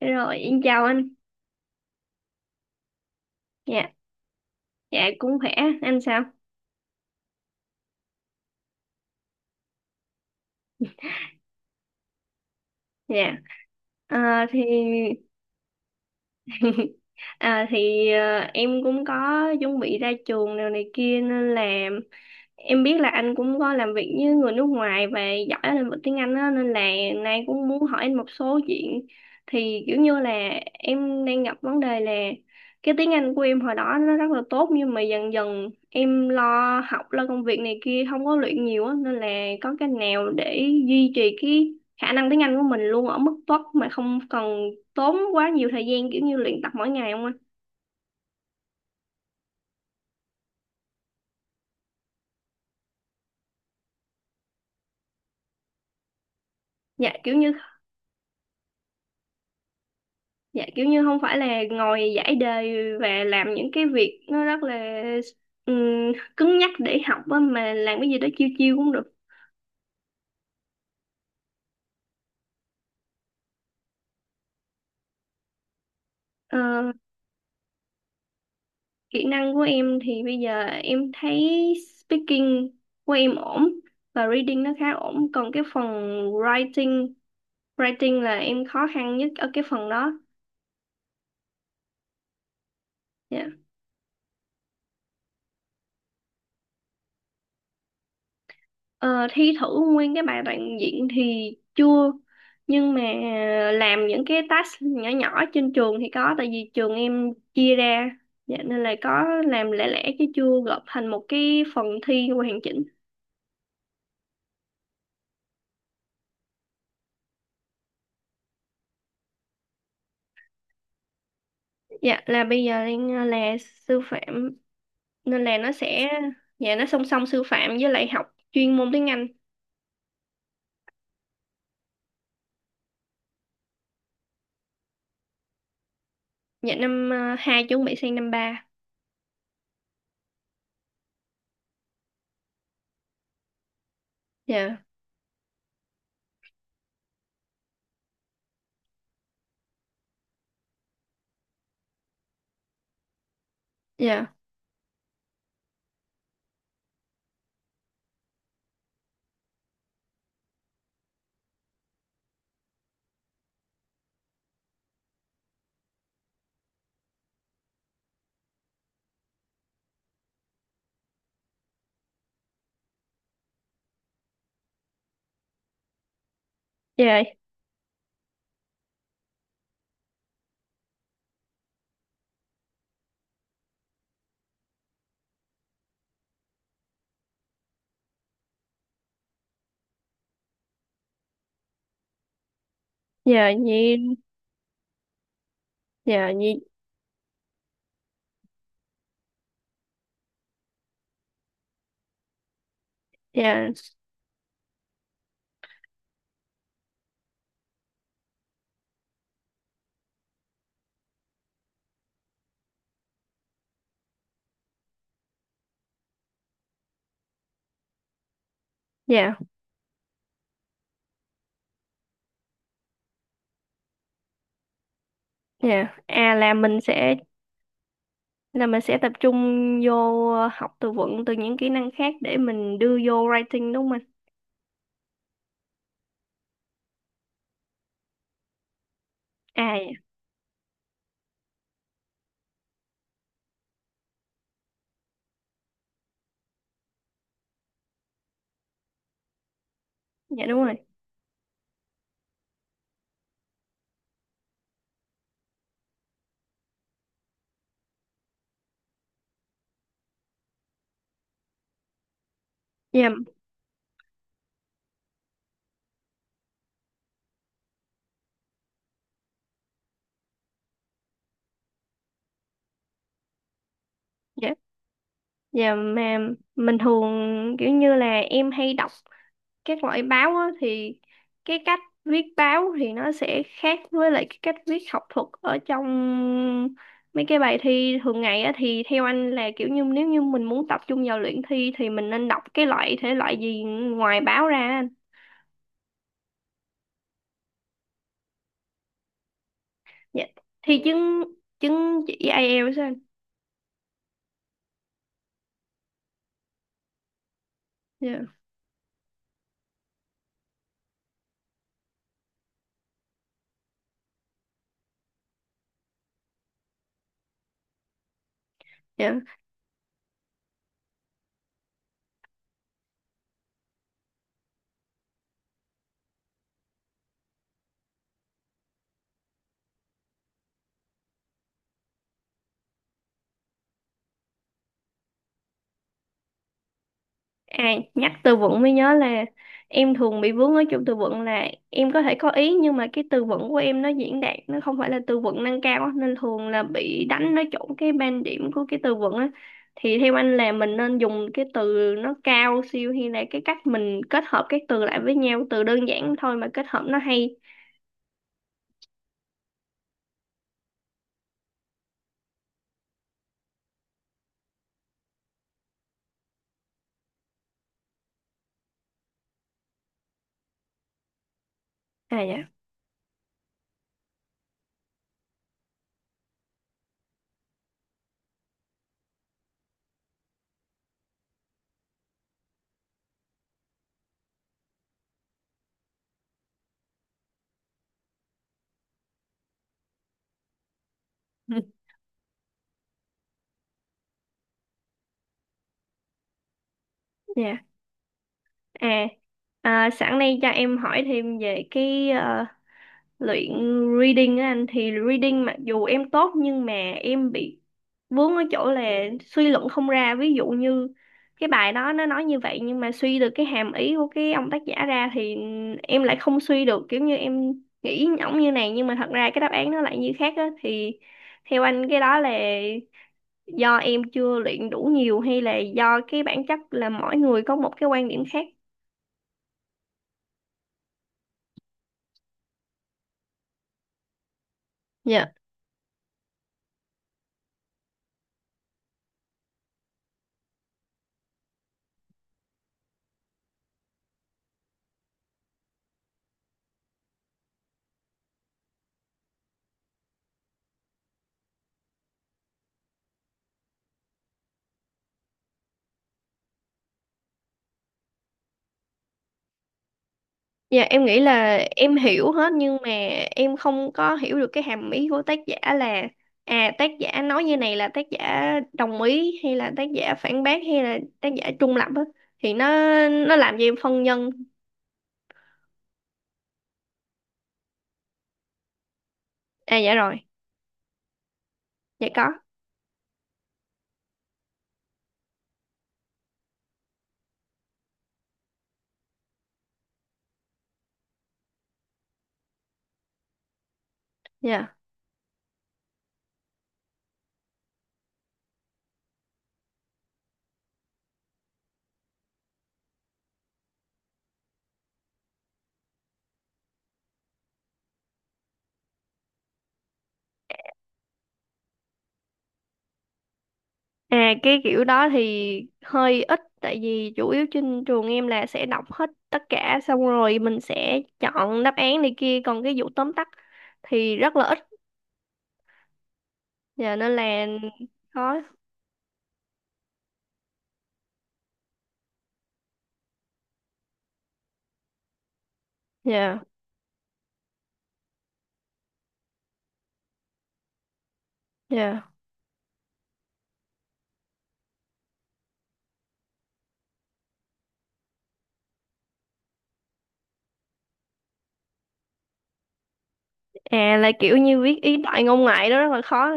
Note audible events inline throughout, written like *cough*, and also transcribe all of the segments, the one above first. Rồi, em chào anh. Dạ, dạ cũng khỏe. Anh sao? Dạ. À, thì *laughs* Em cũng có chuẩn bị ra trường nào này kia nên là em biết là anh cũng có làm việc với người nước ngoài và giỏi ở lĩnh vực tiếng Anh á, nên là nay cũng muốn hỏi anh một số chuyện. Thì kiểu như là em đang gặp vấn đề là cái tiếng Anh của em hồi đó nó rất là tốt, nhưng mà dần dần em lo học lo công việc này kia không có luyện nhiều á, nên là có cái nào để duy trì cái khả năng tiếng Anh của mình luôn ở mức tốt mà không cần tốn quá nhiều thời gian kiểu như luyện tập mỗi ngày không anh? Dạ kiểu như dạ kiểu như không phải là ngồi giải đề và làm những cái việc nó rất là cứng nhắc để học á, mà làm cái gì đó chiêu chiêu cũng được. Ờ, kỹ năng của em thì bây giờ em thấy speaking của em ổn, và reading nó khá ổn, còn cái phần writing writing là em khó khăn nhất ở cái phần đó. Dạ. Ờ, thi thử nguyên cái bài đoạn diễn thì chưa, nhưng mà làm những cái task nhỏ nhỏ trên trường thì có, tại vì trường em chia ra, dạ, nên là có làm lẻ lẻ chứ chưa gộp thành một cái phần thi hoàn chỉnh. Dạ, là bây giờ đang là sư phạm, nên là nó sẽ, dạ, nó song song sư phạm với lại học chuyên môn tiếng Anh. Dạ năm hai, chuẩn bị sang năm ba. Dạ. Dạ. Dạ. Dạ nhi. Dạ nhi. Dạ. Dạ. Yeah. À, là mình sẽ tập trung vô học từ vựng từ những kỹ năng khác để mình đưa vô writing, đúng không anh? À dạ. Dạ đúng rồi. Dạ. Dạ. Dạ, mà mình thường kiểu như là em hay đọc các loại báo á, thì cái cách viết báo thì nó sẽ khác với lại cái cách viết học thuật ở trong mấy cái bài thi thường ngày á, thì theo anh là kiểu như nếu như mình muốn tập trung vào luyện thi thì mình nên đọc cái loại thể loại gì ngoài báo ra anh? Dạ. Thi chứng chứng chỉ ai eo sao anh? Dạ. Dạ. À, nhắc từ vựng mới nhớ là em thường bị vướng ở chỗ từ vựng, là em có thể có ý nhưng mà cái từ vựng của em nó diễn đạt nó không phải là từ vựng nâng cao á, nên thường là bị đánh nó trúng cái ban điểm của cái từ vựng á, thì theo anh là mình nên dùng cái từ nó cao siêu hay là cái cách mình kết hợp các từ lại với nhau từ đơn giản thôi mà kết hợp nó hay? À dạ. *laughs* Dạ. À, à sẵn đây cho em hỏi thêm về cái luyện reading á anh, thì reading mặc dù em tốt nhưng mà em bị vướng ở chỗ là suy luận không ra, ví dụ như cái bài đó nó nói như vậy nhưng mà suy được cái hàm ý của cái ông tác giả ra thì em lại không suy được, kiểu như em nghĩ ổng như này nhưng mà thật ra cái đáp án nó lại như khác á, thì theo anh cái đó là do em chưa luyện đủ nhiều hay là do cái bản chất là mỗi người có một cái quan điểm khác? Dạ. Dạ, em nghĩ là em hiểu hết, nhưng mà em không có hiểu được cái hàm ý của tác giả, là à tác giả nói như này là tác giả đồng ý hay là tác giả phản bác hay là tác giả trung lập á, thì nó làm cho em phân vân. À dạ rồi. Dạ có. Dạ. À, cái kiểu đó thì hơi ít, tại vì chủ yếu trên trường em là sẽ đọc hết tất cả xong rồi mình sẽ chọn đáp án này kia, còn cái vụ tóm tắt thì rất là ít. Dạ nên là khó. Dạ. Dạ. À, là kiểu như viết ý đại ngôn ngoại đó rất là khó.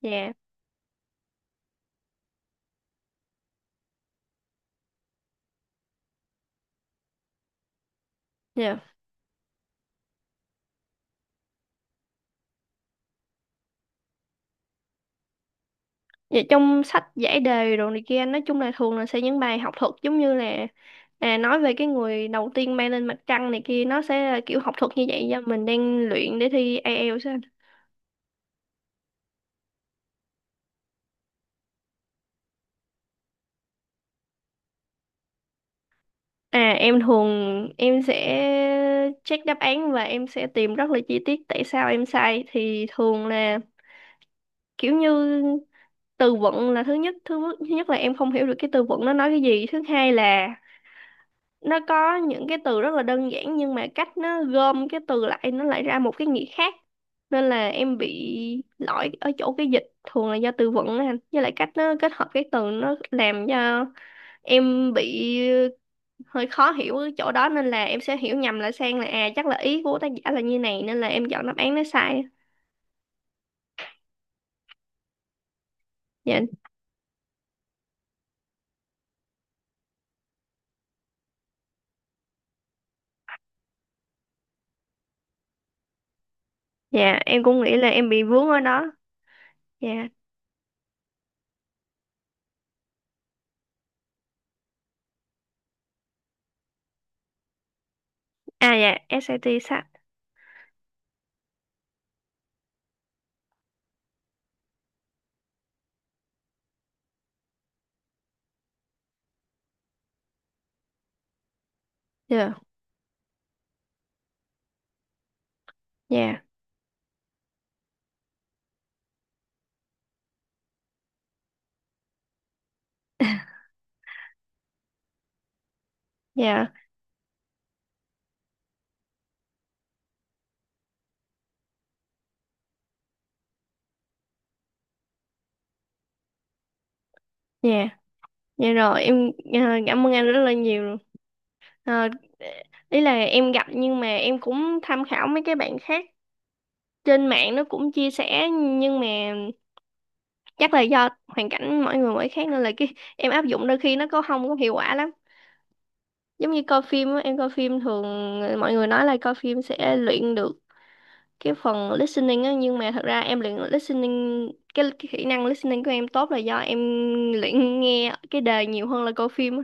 Dạ. Dạ. Vậy trong sách giải đề đồ này kia nói chung là thường là sẽ những bài học thuật, giống như là à, nói về cái người đầu tiên bay lên mặt trăng này kia, nó sẽ là kiểu học thuật như vậy, do mình đang luyện để thi IELTS á anh. À em thường em sẽ check đáp án và em sẽ tìm rất là chi tiết tại sao em sai, thì thường là kiểu như từ vựng là thứ nhất, là em không hiểu được cái từ vựng nó nói cái gì. Thứ hai là nó có những cái từ rất là đơn giản nhưng mà cách nó gom cái từ lại nó lại ra một cái nghĩa khác, nên là em bị lỗi ở chỗ cái dịch, thường là do từ vựng á anh, với lại cách nó kết hợp cái từ nó làm cho em bị hơi khó hiểu ở chỗ đó, nên là em sẽ hiểu nhầm lại sang là à chắc là ý của tác giả là như này, nên là em chọn đáp án nó sai. Dạ. Dạ, em cũng nghĩ là em bị vướng ở đó. Dạ. À dạ SAT sách. Dạ. Dạ. Dạ. Dạ. Dạ rồi, em cảm ơn anh rất là nhiều. Ờ, ý là em gặp, nhưng mà em cũng tham khảo mấy cái bạn khác trên mạng nó cũng chia sẻ, nhưng mà chắc là do hoàn cảnh mỗi người mỗi khác nên là cái em áp dụng đôi khi nó có không có hiệu quả lắm, giống như coi phim á, em coi phim thường, mọi người nói là coi phim sẽ luyện được cái phần listening á, nhưng mà thật ra em luyện listening, cái kỹ năng listening của em tốt là do em luyện nghe cái đề nhiều hơn là coi phim á.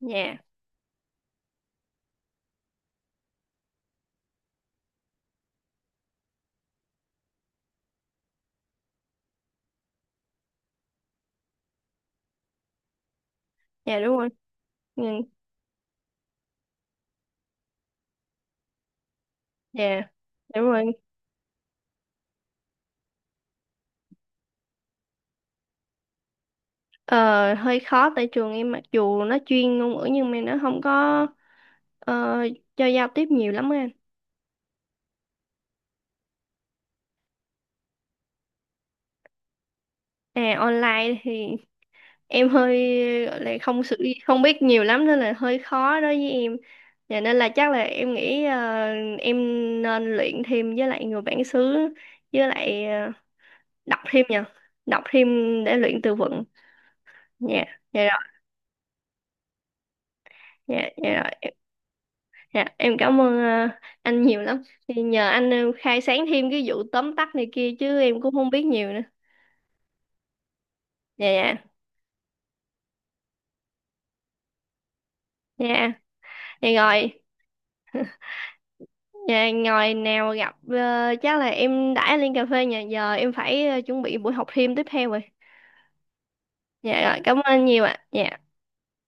Dạ. Dạ đúng rồi. Ừ, dạ đúng rồi. Ờ, hơi khó, tại trường em mặc dù nó chuyên ngôn ngữ nhưng mà nó không có ờ, cho giao tiếp nhiều lắm á anh. À online thì em hơi gọi là không biết nhiều lắm nên là hơi khó đối với em. Và nên là chắc là em nghĩ em nên luyện thêm với lại người bản xứ với lại đọc thêm nha. Đọc thêm để luyện từ vựng. Dạ. Dạ rồi. Dạ. Dạ rồi. Dạ, em cảm ơn anh nhiều lắm. Thì nhờ anh khai sáng thêm cái vụ tóm tắt này kia chứ em cũng không biết nhiều nữa. Dạ. Dạ. Dạ. Thì rồi, dạ, ngồi nào gặp chắc là em đãi lên cà phê, nhà giờ em phải chuẩn bị buổi học thêm tiếp theo rồi. Dạ rồi, cảm ơn anh nhiều ạ. Dạ.